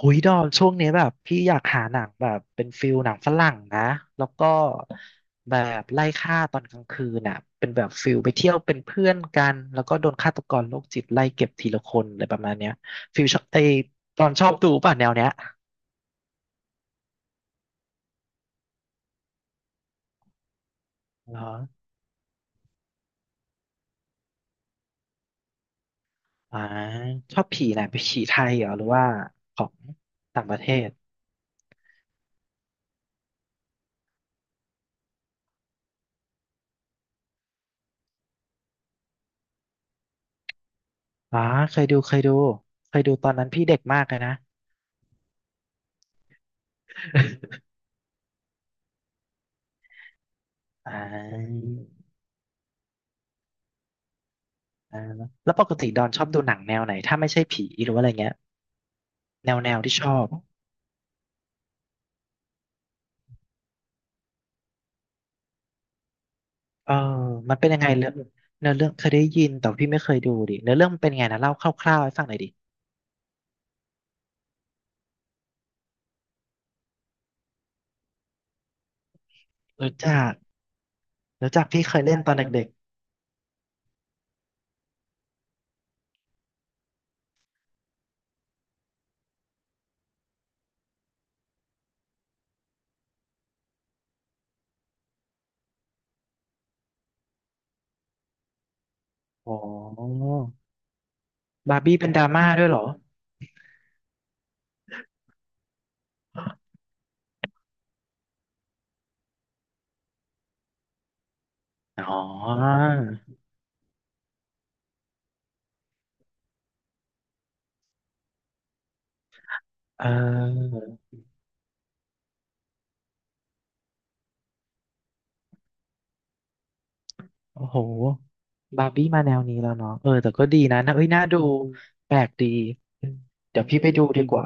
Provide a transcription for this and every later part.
หุยดอมช่วงนี้แบบพี่อยากหาหนังแบบเป็นฟิลหนังฝรั่งนะแล้วก็แบบไล่ฆ่าตอนกลางคืนน่ะเป็นแบบฟิลไปเที่ยวเป็นเพื่อนกันแล้วก็โดนฆาตกรโรคจิตไล่เก็บทีละคนอะไรประมาณเนี้ยฟิลชอบไอตอนชอบดูป่ะแนวเนี้ยเหรออ่าชอบผีไหนไปนผีไทยเหรอหรือว่าของต่างประเทศอ๋อเคยดูเคยดูเคยดูตอนนั้นพี่เด็กมากเลยนะ อ่าอ่าแล้วปกติดอนชอบดูหนังแนวไหนถ้าไม่ใช่ผีหรือว่าอะไรเงี้ย แนวที่ชอบเออมันเป็นยังไงเรื่องเนื้อเรื่องเคยได้ยินแต่พี่ไม่เคยดูดิเนื้อเรื่องมันเป็นไงนะเล่าคร่าวๆให้ฟังหน่อยดิรู้จักรู้จักพี่เคยเล่นตอนเด็กๆอ๋อบาร์บี้เป็นดราม่าด้วยเหรออ๋อเออโอ้โหบาร์บี้มาแนวนี้แล้วเนาะเออแต่ก็ดีนะนะเอ้ยน่าดูแปลกดีอืมเดี๋ยวพี่ไปดูดีกว่า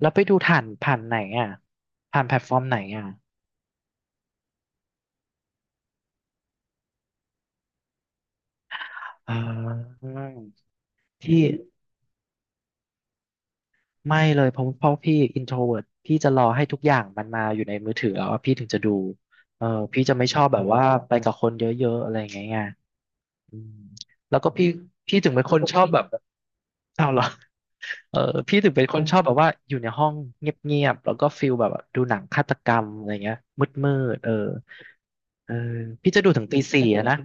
แล้วไปดูผ่านไหนอ่ะผ่านแพลตฟอร์มไหนอ่ะอ่าที่ ไม่เลยเพราะพี่อินโทรเวิร์พี่จะรอให้ทุกอย่างมันมาอยู่ในมือถือแล้วอะพี่ถึงจะดูเออพี่จะไม่ชอบแบบว่าไปกับคนเยอะๆอะไรอย่างเงี้ยไงอืมแล้วก็พี่ถึงเป็นคนชอบแบบเอาเหรอเออพี่ถึงเป็นคนชอบแบบว่าอยู่ในห้องเงียบๆแล้วก็ฟิลแบบดูหนังฆาตกรรมอะไรเงี้ยมืดๆเออเออพี่จะดูถึงตีสี่อะนะ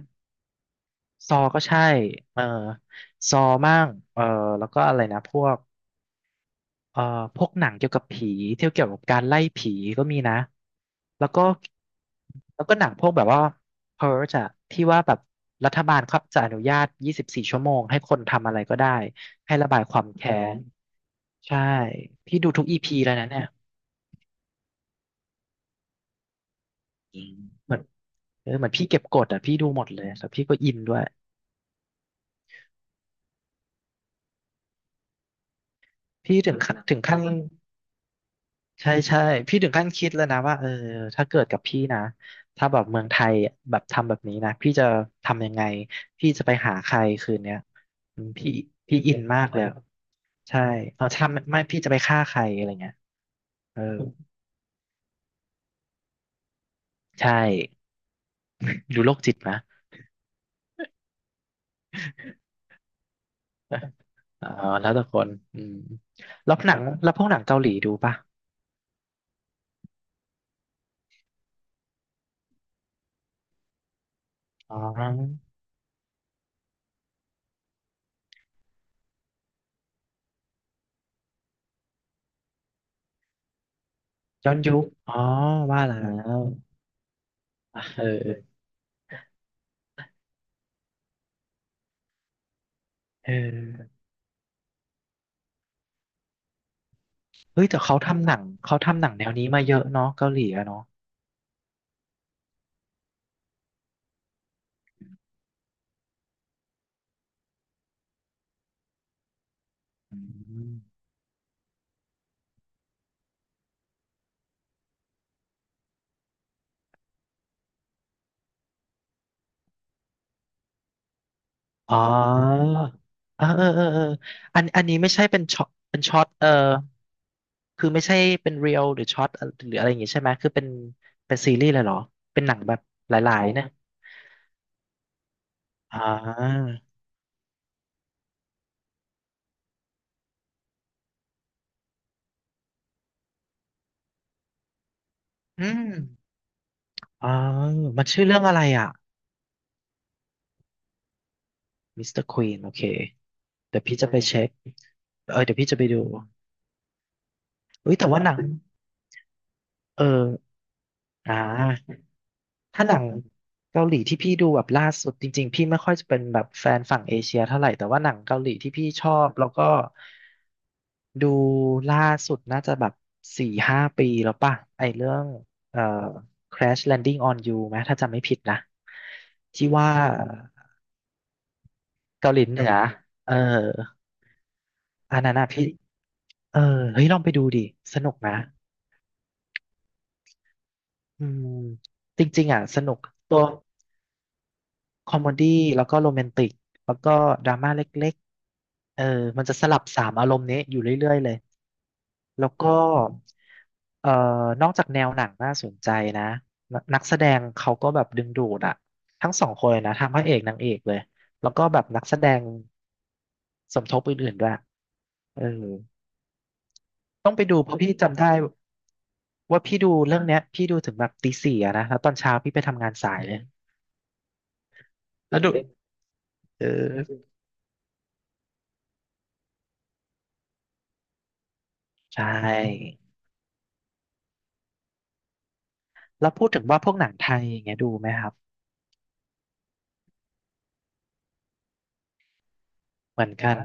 ซอก็ใช่เออซอมั่งเออแล้วก็อะไรนะพวก เอ่อพวกหนังเกี่ยวกับผีเที่ยวเกี่ยวกับการไล่ผีก็มีนะแล้วก็แล้วก็หนังพวกแบบว่า p u r g อะที่ว่าแบบรัฐบาลครับจะอนุญาต24ชั่วโมงให้คนทำอะไรก็ได้ให้ระบายความแค้นใช่พี่ดูทุกอีพีแล้วนะเนี่ยอืมเหมือนเออเหมือนพี่เก็บกดอ่ะพี่ดูหมดเลยแล้วพี่ก็อินด้วยพี่ถึงขั้น ใช่ใช่พี่ถึงขั้นคิดแล้วนะว่าเออถ้าเกิดกับพี่นะถ้าแบบเมืองไทยแบบทำแบบนี้นะพี่จะทำยังไงพี่จะไปหาใครคืนเนี้ยอืมพี่อินมากเลยใช่เอาถ้าไม่พี่จะไปฆ่าใครอะไรเงี้ยเออใช่ดูโรคจิตนะอ๋อแล้วแต่คนอืมแล้วหนังแล้วพวกหนังเกาหลีดูป่ะอ๋อย้อนยุคอ๋อว่าแล้วอ่ะเออเออเฮ้ยแต่เขาทำหนังแนวนี้มาเยอะเนาะเกาหลีอะเนาะ อ๋อเออเออเออเอออันนี้ไม่ใช่เป็นช็อตเออคือไม่ใช่เป็นเรียลหรือช็อตหรืออะไรอย่างงี้ใช่ไหม คือเป็น เป็นซีรีส์เลยเหรอ เป็นหนังแบบหลายๆเนี่ยอ่าอืมอ๋อมันชื่อเรื่องอะไรอ่ะมิสเตอร์ควีนโอเคเดี๋ยวพี่จะไปเช็คเออเดี๋ยวพี่จะไปดูเฮ้ยแต่ว่าหนังเอออ่า ถ้าหนังเกาหลีที่พี่ดูแบบล่าสุดจริงๆพี่ไม่ค่อยจะเป็นแบบแฟนฝั่งเอเชียเท่าไหร่แต่ว่าหนังเกาหลีที่พี่ชอบแล้วก็ดูล่าสุดน่าจะแบบสี่ห้าปีแล้วป่ะไอเรื่องเอ่อ Crash Landing on You ไหมถ้าจำไม่ผิดนะที่ว่าเกาหลีเหนือ่เอออันนั้นอะพี่เออเฮ้ยลองไปดูดิสนุกนะอืมจริงๆอ่ะสนุกตัว คอมเมดี้แล้วก็โรแมนติกแล้วก็ดราม่าเล็กๆเออมันจะสลับสามอารมณ์นี้อยู่เรื่อยๆเลยแล้วก็เอ่อนอกจากแนวหนังน่าสนใจนะนนักแสดงเขาก็แบบดึงดูดอะทั้งสองคนเลยนะทั้งพระเอกนางเอกเลยแล้วก็แบบนักแสดงสมทบอื่นๆด้วยเออต้องไปดูเพราะพี่จำได้ว่าพี่ดูเรื่องเนี้ยพี่ดูถึงแบบตีสี่อะนะแล้วตอนเช้าพี่ไปทำงานสายเลยแล้วดูเออใช่ แล้วพูดถึงว่าพวกหนังไทยอย่างเงี้ยดูไหมครับเหมือนดูกัน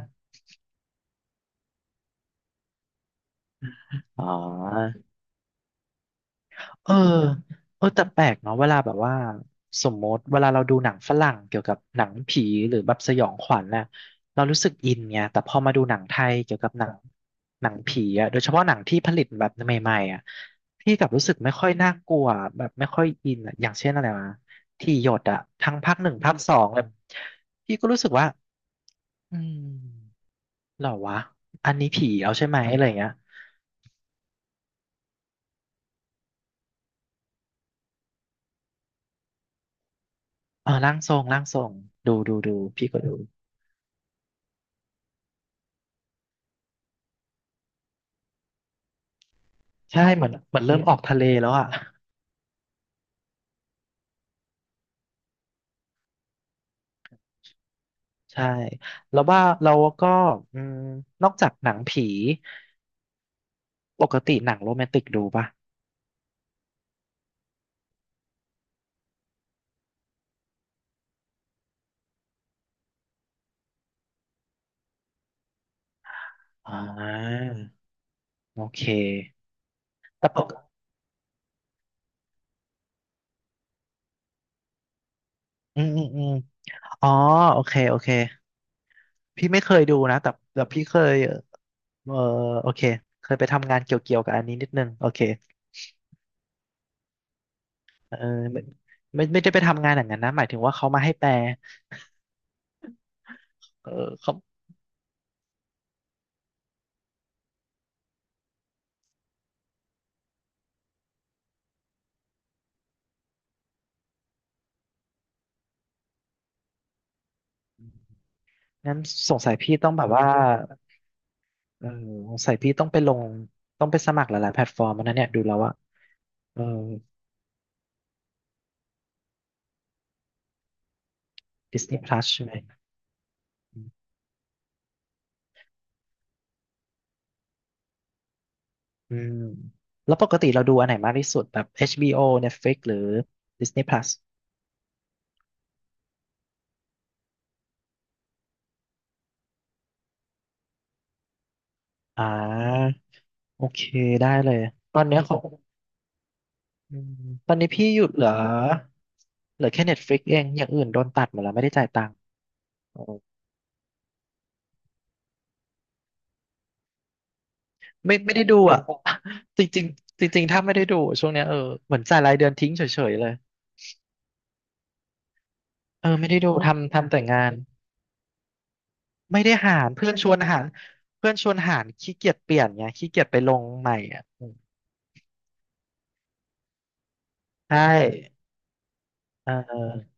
อ๋อเออเออแต่แปลกเนาะเวลาแบบว่าสมมติเวลาเราดูหนังฝรั่งเกี่ยวกับหนังผีหรือแบบสยองขวัญน่ะเรารู้สึกอินไงแต่พอมาดูหนังไทยเกี่ยวกับหนังผีอะโดยเฉพาะหนังที่ผลิตแบบใหม่ๆอะพี่กลับรู้สึกไม่ค่อยน่ากลัวแบบไม่ค่อยอินอะอย่างเช่นอะไรมาที่หยดอะทั้งภาคหนึ่งภาคสองเลยพี่ก็รู้สึกว่าอืม เหรอวะอันนี้ผีเอาใช่ไหมอะไรเงี้ยเอ๋อร่างทรงดูดูดูพี่ก็ดูใช่เหมือนเหมือนเริ่มออกทะเลแล้วอ่ะใช่แล้วว่าเราก็อืมนอกจากหนังผีปกติหนังโรแมนติกดูป่ะอ่าโอเคแต่ปกอืมอืมอืมอ๋อโอเคโอเคพี่ไม่เคยดูนะแต่พี่เคยเออโอเคเคยไปทำงานเกี่ยวกับอันนี้นิดนึงโอเคเออไม่ไม่ไม่ได้ไปทำงานอย่างนั้นนะหมายถึงว่าเขามาให้แปล เออเขางั้นสงสัยพี่ต้องแบบว่าเออสงสัยพี่ต้องไปลงต้องไปสมัครหลายๆแพลตฟอร์มแล้วนะเนี่ยดูแล้วอะเออ Disney Plus ใช่ไหมอืมแล้วปกติเราดูอันไหนมากที่สุดแบบ HBO Netflix หรือ Disney Plus อ่าโอเคได้เลยตอนเนี้ยของอืมตอนนี้พี่หยุดเหลือเหลือแค่ Netflix เองอย่างอื่นโดนตัดหมดแล้วไม่ได้จ่ายตังค์ ไม่ได้ดูอ่ะ จริงจริงจริงๆถ้าไม่ได้ดูช่วงเนี้ยเออเหมือนจ่ายรายเดือนทิ้งเฉยๆเลยเออไม่ได้ดูทำแต่งานไม่ได้หารเพื่อนชวนหารเพื่อนชวนหารขี้เกียจเปลี่ยนไงขี้เกียจไปลงใหม่อ่ะอืมใช่เออ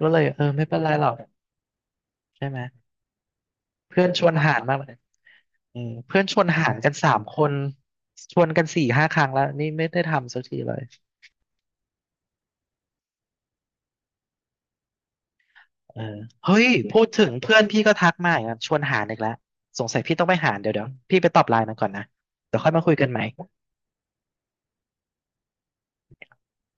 ก็เลยเออไม่เป็นไรหรอกใช่ไหมเพื่อนชวนหารมากเลยอืมเพื่อนชวนหารกันสามคนชวนกันสี่ห้าครั้งแล้วนี่ไม่ได้ทำสักทีเลย เออเฮ้ย พูดถึงเพื่อนพี่ก็ทักมาอีกแล้วชวนหารอีกแล้วสงสัยพี่ต้องไปหารเดี๋ยวพี่ไปตอบไลน์มันก่อนนะเดี๋ยวค่อยมาคุยกันใหม่